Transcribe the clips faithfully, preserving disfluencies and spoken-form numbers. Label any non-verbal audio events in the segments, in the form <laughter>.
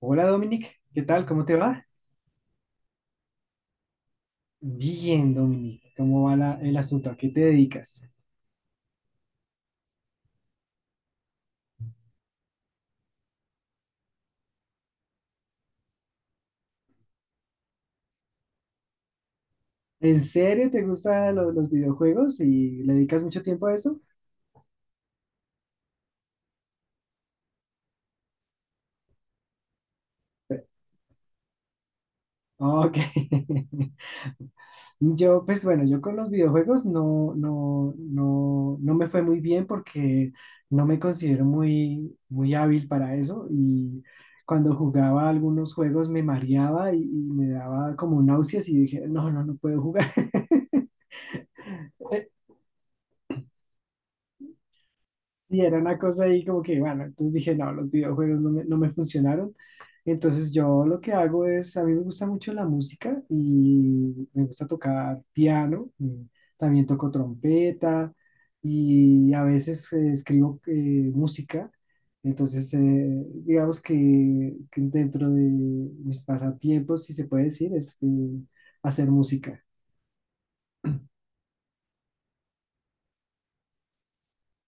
Hola, Dominic, ¿qué tal? ¿Cómo te va? Bien, Dominic, ¿cómo va la- el asunto? ¿A qué te dedicas? ¿En serio te gustan lo- los videojuegos y le dedicas mucho tiempo a eso? Ah, ok. <laughs> Yo, pues bueno, yo con los videojuegos no, no, no, no me fue muy bien porque no me considero muy, muy hábil para eso y cuando jugaba algunos juegos me mareaba y, y me daba como náuseas y dije, no, no, no puedo jugar. <laughs> Sí, era una cosa ahí como que, bueno, entonces dije, no, los videojuegos no me, no me funcionaron. Entonces, yo lo que hago es, a mí me gusta mucho la música y me gusta tocar piano, y también toco trompeta y a veces eh, escribo eh, música. Entonces, eh, digamos que, que dentro de mis pasatiempos, si se puede decir, es eh, hacer música.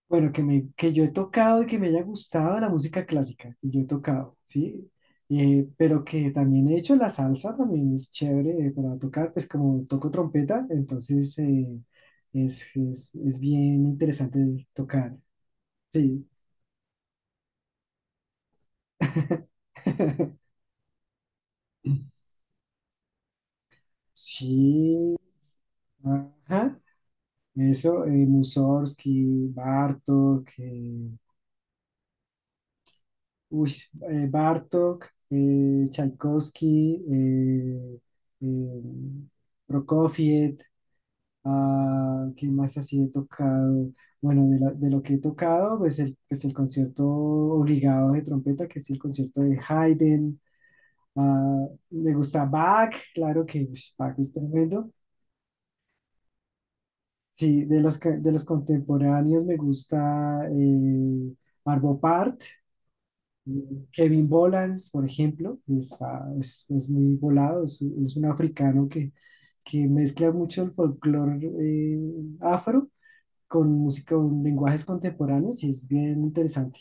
Bueno, que, me, que yo he tocado y que me haya gustado la música clásica, que yo he tocado, ¿sí? Eh, pero que también he hecho la salsa, también es chévere eh, para tocar, pues como toco trompeta, entonces eh, es, es, es bien interesante tocar, sí. <laughs> Sí, ajá, eso, eh, Mussorgsky, Bartok, eh, uy, eh, Bartók, eh, Tchaikovsky, eh, eh, Prokofiev, ah, ¿qué más así he tocado? Bueno, de, la- de lo que he tocado, pues el, pues el concierto obligado de trompeta, que es el concierto de Haydn. Ah, me gusta Bach, claro que ush, Bach es tremendo. Sí, de los, ca- de los contemporáneos me gusta eh, Arvo Pärt. Mm, Kevin Bolans, por ejemplo, está, es, es muy volado, es, es un africano que, que mezcla mucho el folclore eh, afro con música, con lenguajes contemporáneos y es bien interesante.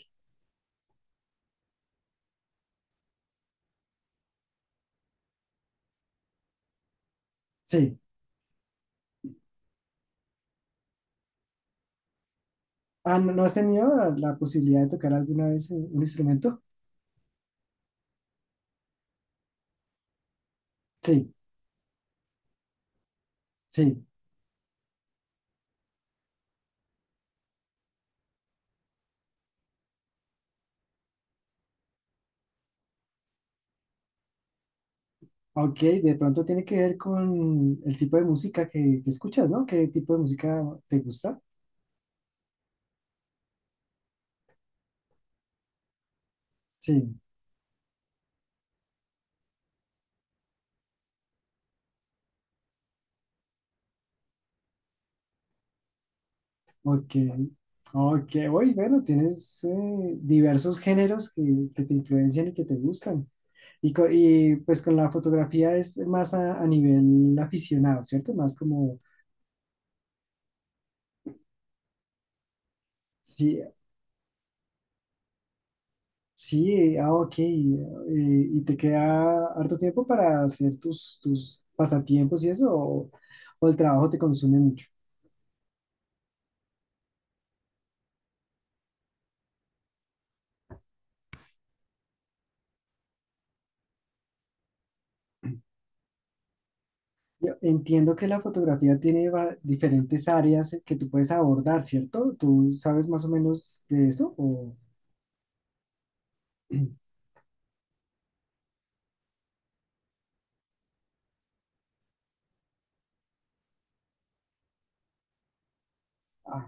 Sí. Ah, ¿no, no has tenido la, la posibilidad de tocar alguna vez eh, un instrumento? Sí, sí. Ok, de pronto tiene que ver con el tipo de música que, que escuchas, ¿no? ¿Qué tipo de música te gusta? Sí. Ok, ok, oye, bueno, tienes eh, diversos géneros que, que te influencian y que te gustan. Y, co- y, pues con la fotografía es más a, a nivel aficionado, ¿cierto? Más como, sí, sí, eh, ah, ok, eh, y te queda harto tiempo para hacer tus, tus pasatiempos y eso, o, o el trabajo te consume mucho. <clears throat> Yo entiendo que la fotografía tiene va- diferentes áreas que tú puedes abordar, ¿cierto? ¿Tú sabes más o menos de eso? O... <clears throat> Ah,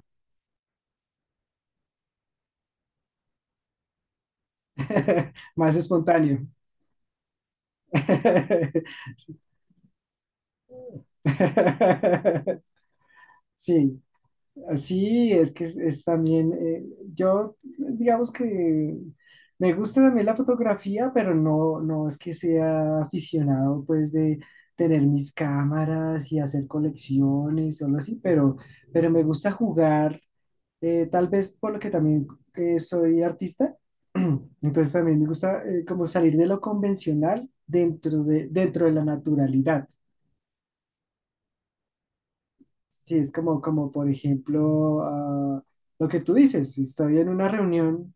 <laughs> más espontáneo. <laughs> Sí, así es que es, es también, eh, yo digamos que me gusta también la fotografía, pero no, no es que sea aficionado pues de tener mis cámaras y hacer colecciones o algo así, pero, pero me gusta jugar. Eh, tal vez por lo que también eh, soy artista, <clears throat> entonces también me gusta eh, como salir de lo convencional dentro de, dentro de la naturalidad. Sí, es como, como por ejemplo, ah, lo que tú dices, si estoy en una reunión,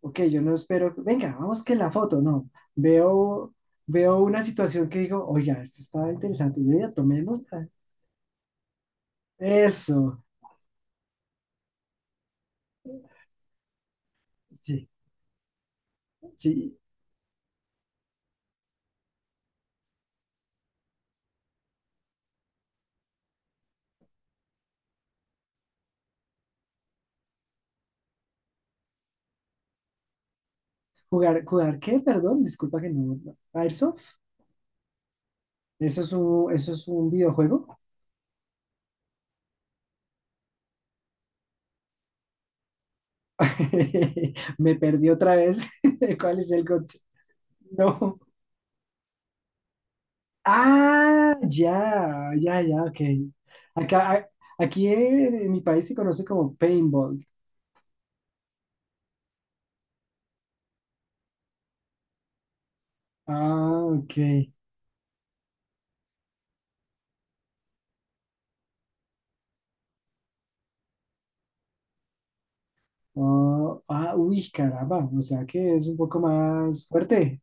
ok, yo no espero, venga, vamos que la foto, no, veo, veo una situación que digo, oiga, esto está interesante, venga, tomemos ah, eso, sí, sí, jugar, jugar, ¿qué? Perdón, disculpa que no, no. A ver, eso es un, eso es un videojuego. <laughs> Me perdí otra vez. <laughs> ¿Cuál es el coche? No. Ah, ya, ya, ya, ok. Acá, a- aquí en, en mi país se conoce como paintball. Ah, ok. Oh, ah, uy, caramba. O sea que es un poco más fuerte.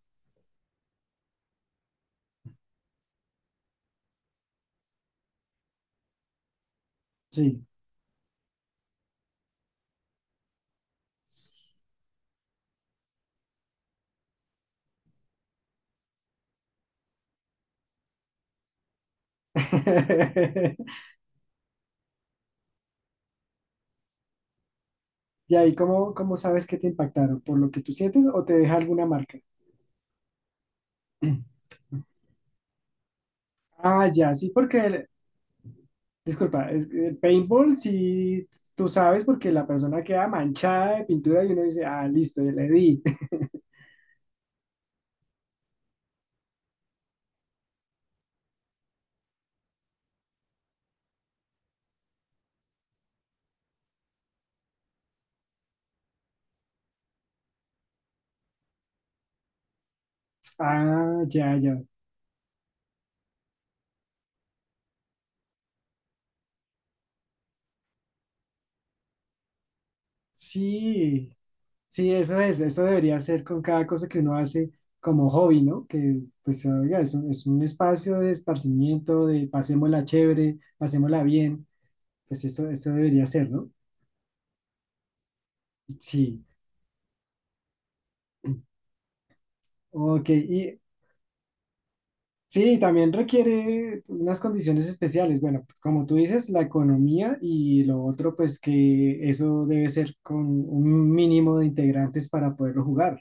Sí. <laughs> Y ahí ¿cómo, cómo sabes que te impactaron? ¿Por lo que tú sientes o te deja alguna marca? <clears throat> Ah, ya, sí, porque disculpa, es que paintball si tú sabes porque la persona queda manchada de pintura y uno dice, ah, listo, ya le di. <laughs> Ah, ya, ya. Sí, sí, eso es, eso debería ser con cada cosa que uno hace como hobby, ¿no? Que pues oiga, es un, es un espacio de esparcimiento, de pasémosla chévere, pasémosla bien, pues eso, eso debería ser, ¿no? Sí, <clears throat> ok, y sí, también requiere unas condiciones especiales, bueno, como tú dices, la economía y lo otro, pues que eso debe ser con un mínimo de integrantes para poderlo jugar.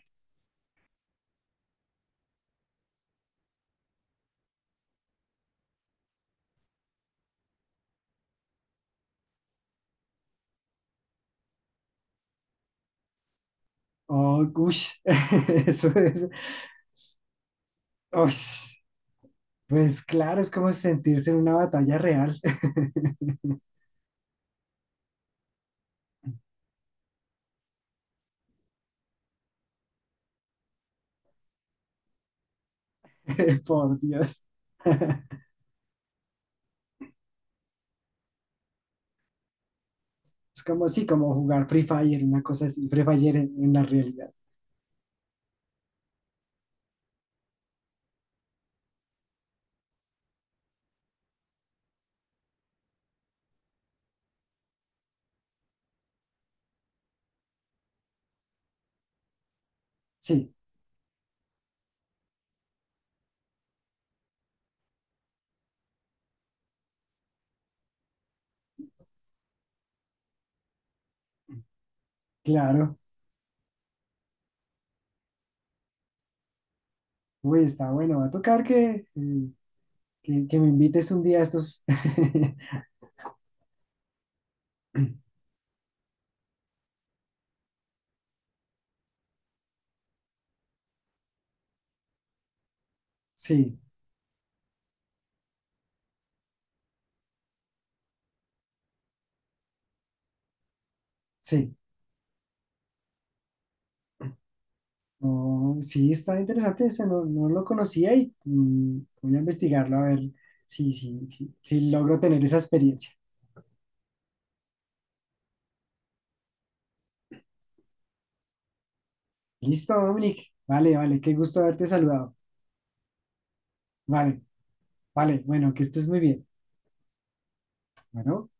Oh, ush, <laughs> eso es. Ush. Pues claro, es como sentirse en una batalla real. <laughs> Por Dios. <laughs> Es como, sí, como jugar Free Fire, una cosa así, Free Fire en, en la realidad. Sí, claro. Uy, está bueno. Va a tocar que, eh, que, que me invites un día a estos. <laughs> Sí, sí. No, sí, está interesante ese, no, no lo conocía y mm, voy a investigarlo a ver si, si, si, si logro tener esa experiencia. Listo, Dominic. Vale, vale, qué gusto haberte saludado. Vale. Vale, bueno, que estés muy bien. Bueno.